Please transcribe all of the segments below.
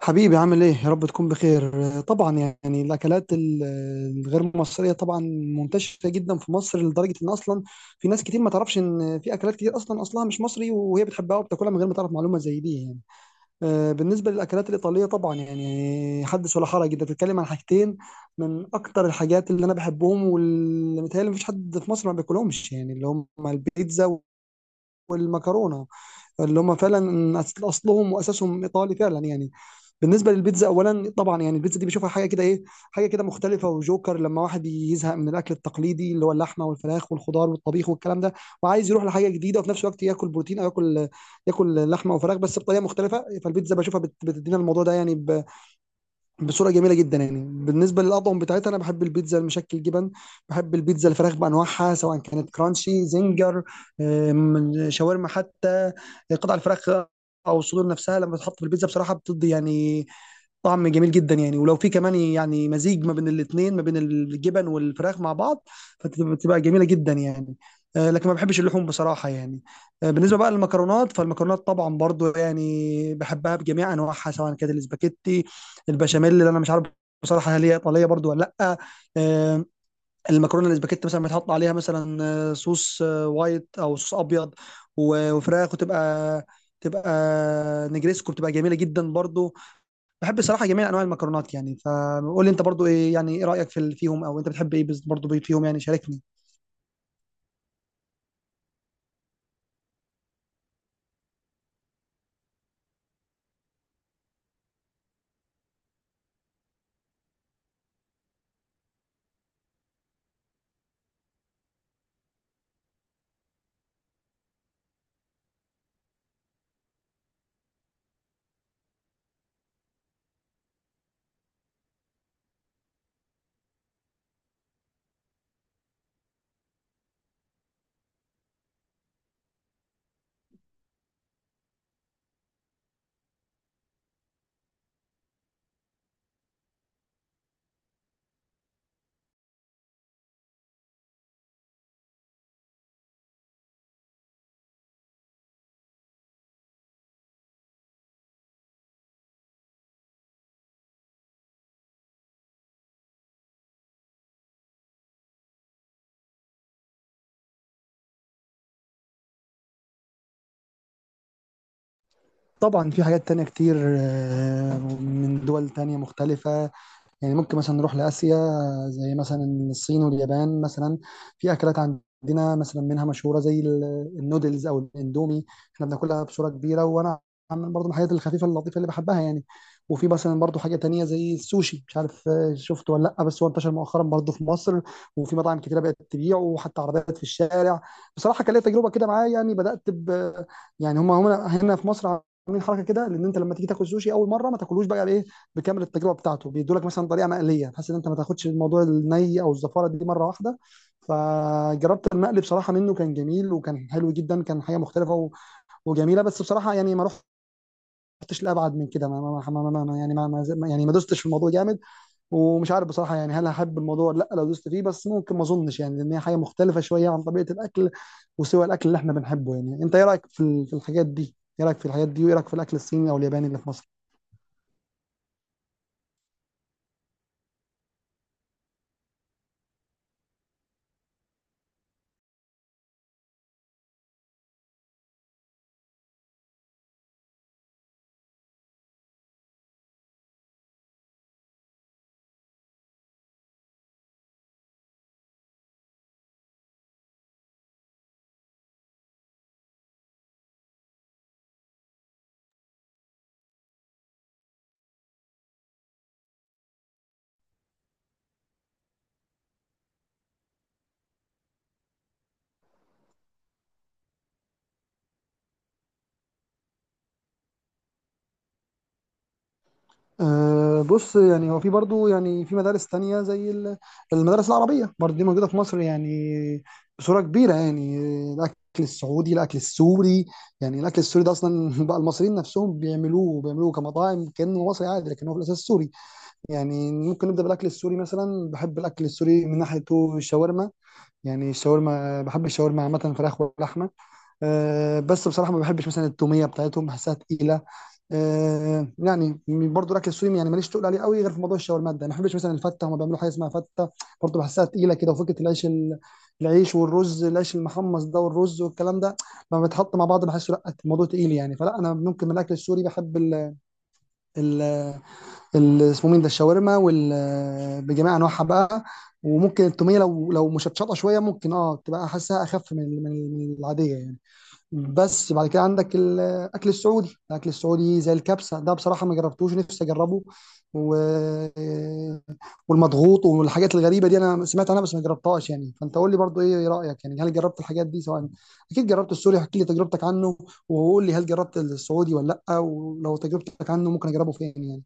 حبيبي، عامل ايه؟ يا رب تكون بخير. آه، طبعا. يعني الاكلات الغير مصريه طبعا منتشره جدا في مصر لدرجه ان اصلا في ناس كتير ما تعرفش ان في اكلات كتير اصلا اصلها مش مصري، وهي بتحبها وبتاكلها من غير ما تعرف معلومه زي دي يعني. بالنسبه للاكلات الايطاليه، طبعا يعني حدث ولا حرج، انت بتتكلم عن حاجتين من اكتر الحاجات اللي انا بحبهم واللي متهيألي مفيش حد في مصر ما بياكلهمش، يعني اللي هم البيتزا والمكرونه، اللي هم فعلا اصلهم واساسهم ايطالي فعلا يعني. بالنسبه للبيتزا اولا، طبعا يعني البيتزا دي بشوفها حاجه كده ايه، حاجه كده مختلفه وجوكر لما واحد يزهق من الاكل التقليدي اللي هو اللحمه والفراخ والخضار والطبيخ والكلام ده، وعايز يروح لحاجه جديده وفي نفس الوقت ياكل بروتين او ياكل، ياكل لحمه وفراخ بس بطريقه مختلفه. فالبيتزا بشوفها بتدينا الموضوع ده يعني بصوره جميله جدا يعني. بالنسبه للاطعم بتاعتها، انا بحب البيتزا المشكل جبن، بحب البيتزا الفراخ بانواعها سواء كانت كرانشي زنجر، شاورما حتى، قطع الفراخ او الصدور نفسها لما تتحط في البيتزا، بصراحه بتدي يعني طعم جميل جدا يعني. ولو في كمان يعني مزيج ما بين الاثنين، ما بين الجبن والفراخ مع بعض، فتبقى جميله جدا يعني. لكن ما بحبش اللحوم بصراحه يعني. بالنسبه بقى للمكرونات، فالمكرونات طبعا برضو يعني بحبها بجميع انواعها سواء كانت الاسباجيتي، البشاميل اللي انا مش عارف بصراحه هل هي ايطاليه برضو ولا لا. آه، المكرونه الاسباجيتي مثلا بتحط عليها مثلا صوص وايت، او صوص ابيض وفراخ، وتبقى تبقى نجريسكو، بتبقى جميله جدا برضو. بحب الصراحه جميع انواع المكرونات، يعني فقول لي انت برضو، ايه يعني ايه رايك فيهم، او انت بتحب ايه برضو فيهم يعني؟ شاركني. طبعا في حاجات تانية كتير من دول تانية مختلفة، يعني ممكن مثلا نروح لآسيا، زي مثلا الصين واليابان مثلا. في أكلات عندنا مثلا منها مشهورة زي النودلز أو الإندومي، إحنا بناكلها بصورة كبيرة، وأنا عامل برضه من الحاجات الخفيفة اللطيفة اللي بحبها يعني. وفي مثلا برضه حاجة تانية زي السوشي، مش عارف شفته ولا لأ، بس هو انتشر مؤخرا برضه في مصر، وفي مطاعم كتيرة بقت تبيعه وحتى عربيات في الشارع. بصراحة كان ليا تجربة كده معاه، يعني بدأت ب، يعني هم هنا في مصر عاملين حركة كده، لأن أنت لما تيجي تاكل سوشي أول مرة ما تاكلوش بقى إيه بكامل التجربه بتاعته، بيدوا لك مثلا طريقه مقليه بحيث ان انت ما تاخدش الموضوع الني او الزفاره دي مره واحده. فجربت المقلي بصراحه، منه كان جميل وكان حلو جدا، كان حاجه مختلفه وجميله. بس بصراحه يعني ما رحتش لابعد من كده، ما دوستش في الموضوع جامد. ومش عارف بصراحه يعني هل هحب الموضوع ولا لا لو دوست فيه، بس ممكن ما اظنش يعني، لان هي حاجه مختلفه شويه عن طبيعه الاكل وسوى الاكل اللي احنا بنحبه يعني. انت ايه رايك في الحاجات دي؟ ايه رايك في الحاجات دي؟ وايه رايك في الاكل الصيني او الياباني اللي في مصر؟ أه بص، يعني هو في برضو يعني في مدارس تانية زي المدارس العربية برضو، دي موجودة في مصر يعني بصورة كبيرة يعني. الأكل السعودي، الأكل السوري. يعني الأكل السوري ده أصلا بقى المصريين نفسهم بيعملوه بيعملوه كمطاعم كأنه مصري عادي، لكن هو في الأساس سوري. يعني ممكن نبدأ بالأكل السوري مثلا. بحب الأكل السوري من ناحيته الشاورما، يعني الشاورما، بحب الشاورما عامة فراخ ولحمة. أه بس بصراحه ما بحبش مثلا التوميه بتاعتهم، بحسها تقيله. أه يعني برضو الاكل السوري يعني ماليش تقول عليه قوي غير في موضوع الشاورما ده. ما بحبش مثلا الفته، هم بيعملوا حاجه اسمها فته، برضو بحسها تقيله كده، وفكره العيش العيش والرز، العيش المحمص ده والرز والكلام ده لما بيتحط مع بعض بحسه لا، الموضوع تقيل يعني. فلا، انا ممكن من الاكل السوري بحب ال اسمه مين ده الشاورما وال، بجميع انواعها بقى. وممكن التوميه لو لو مشطشطه شويه ممكن اه تبقى حاسها اخف من العاديه يعني. بس بعد كده عندك الاكل السعودي. الاكل السعودي زي الكبسه ده بصراحه ما جربتوش، نفسي اجربه و... والمضغوط والحاجات الغريبه دي. انا سمعت عنها بس ما جربتهاش يعني. فانت قول لي برضو ايه رايك يعني، هل جربت الحاجات دي سواء؟ اكيد جربت السوري، احكي لي تجربتك عنه. وقول لي هل جربت السعودي ولا لا؟ ولو تجربتك عنه ممكن اجربه فين يعني؟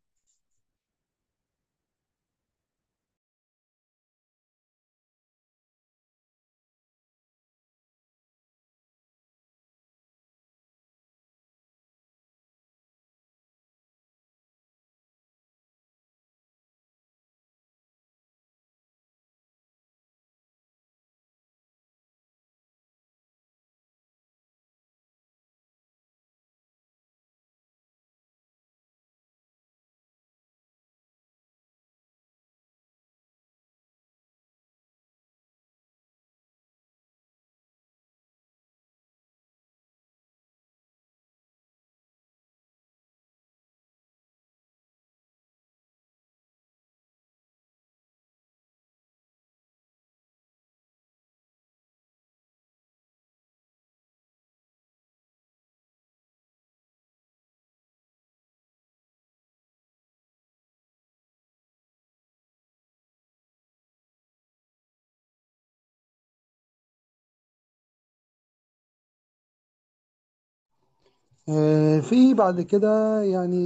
في بعد كده يعني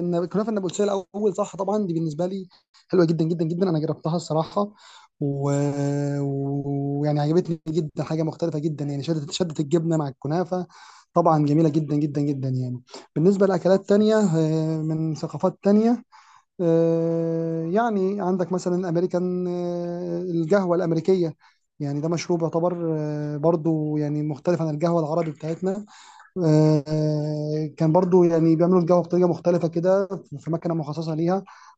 كنافه النابلسيه الاول صح؟ طبعا دي بالنسبه لي حلوه جدا جدا جدا، انا جربتها الصراحه ويعني عجبتني جدا، حاجه مختلفه جدا يعني. شدت شدت الجبنه مع الكنافه طبعا جميله جدا جدا جدا يعني. بالنسبه لاكلات تانية من ثقافات تانية، يعني عندك مثلا امريكان. القهوه الامريكيه يعني ده مشروب يعتبر برضو يعني مختلف عن القهوه العربي بتاعتنا. كان برضو يعني بيعملوا الجو بطريقه مختلفه كده، في مكنه مخصصه ليها.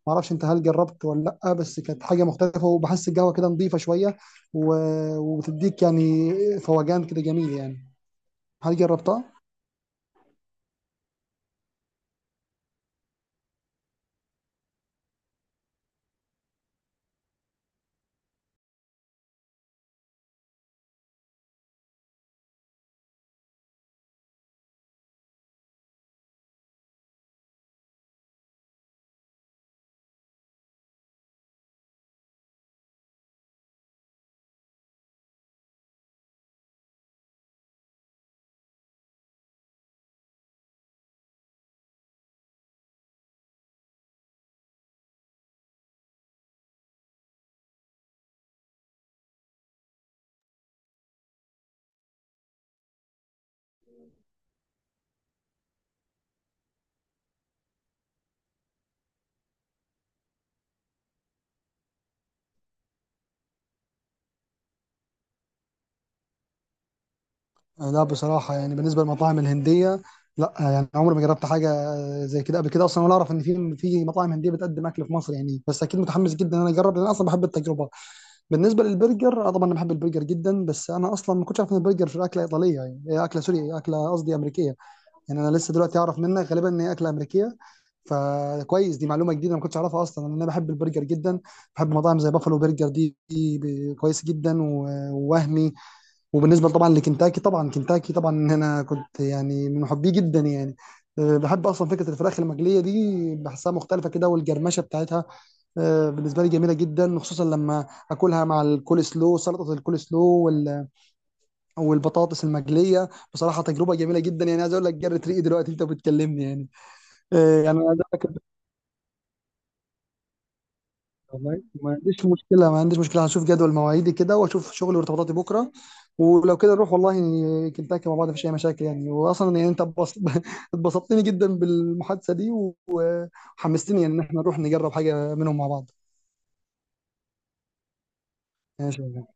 ما اعرفش انت هل جربت ولا لا، بس كانت حاجه مختلفه وبحس القهوه كده نظيفه شويه وبتديك يعني فوجان كده جميل يعني. هل جربتها؟ لا بصراحه يعني. بالنسبه للمطاعم الهنديه، لا يعني عمري ما جربت حاجه زي كده قبل كده اصلا، ولا اعرف ان في مطاعم هنديه بتقدم اكل في مصر يعني، بس اكيد متحمس جدا ان انا اجرب لان انا اصلا بحب التجربه. بالنسبه للبرجر، آه طبعا انا بحب البرجر جدا. بس انا اصلا ما كنتش عارف ان البرجر في اكله ايطاليه، يعني هي اكله سوري، اكله قصدي امريكيه. يعني انا لسه دلوقتي اعرف منك غالبا ان هي اكله امريكيه، فكويس دي معلومه جديده ما كنتش اعرفها. اصلا انا بحب البرجر جدا، بحب مطاعم زي بافلو برجر، دي, دي كويس جدا ووهمي. وبالنسبه طبعا لكنتاكي، طبعا كنتاكي طبعا انا كنت يعني من محبيه جدا يعني. أه، بحب اصلا فكره الفراخ المقليه دي، بحسها مختلفه كده والجرمشه بتاعتها. أه، بالنسبه لي جميله جدا، خصوصا لما اكلها مع الكول سلو، سلطه الكول سلو والبطاطس المقليه. بصراحه تجربه جميله جدا يعني، عايز اقول لك جرت ريقي دلوقتي انت بتكلمني يعني. يعني أنا عايز أقول لك، والله ما عنديش مشكلة، ما عنديش مشكلة. هشوف جدول مواعيدي كده واشوف شغلي وارتباطاتي بكرة، ولو كده نروح والله يعني كنتاكي مع بعض مفيش أي مشاكل يعني. وأصلا يعني أنت اتبسطتني جدا بالمحادثة دي وحمستني يعني إن احنا نروح نجرب حاجة منهم مع بعض. ماشي.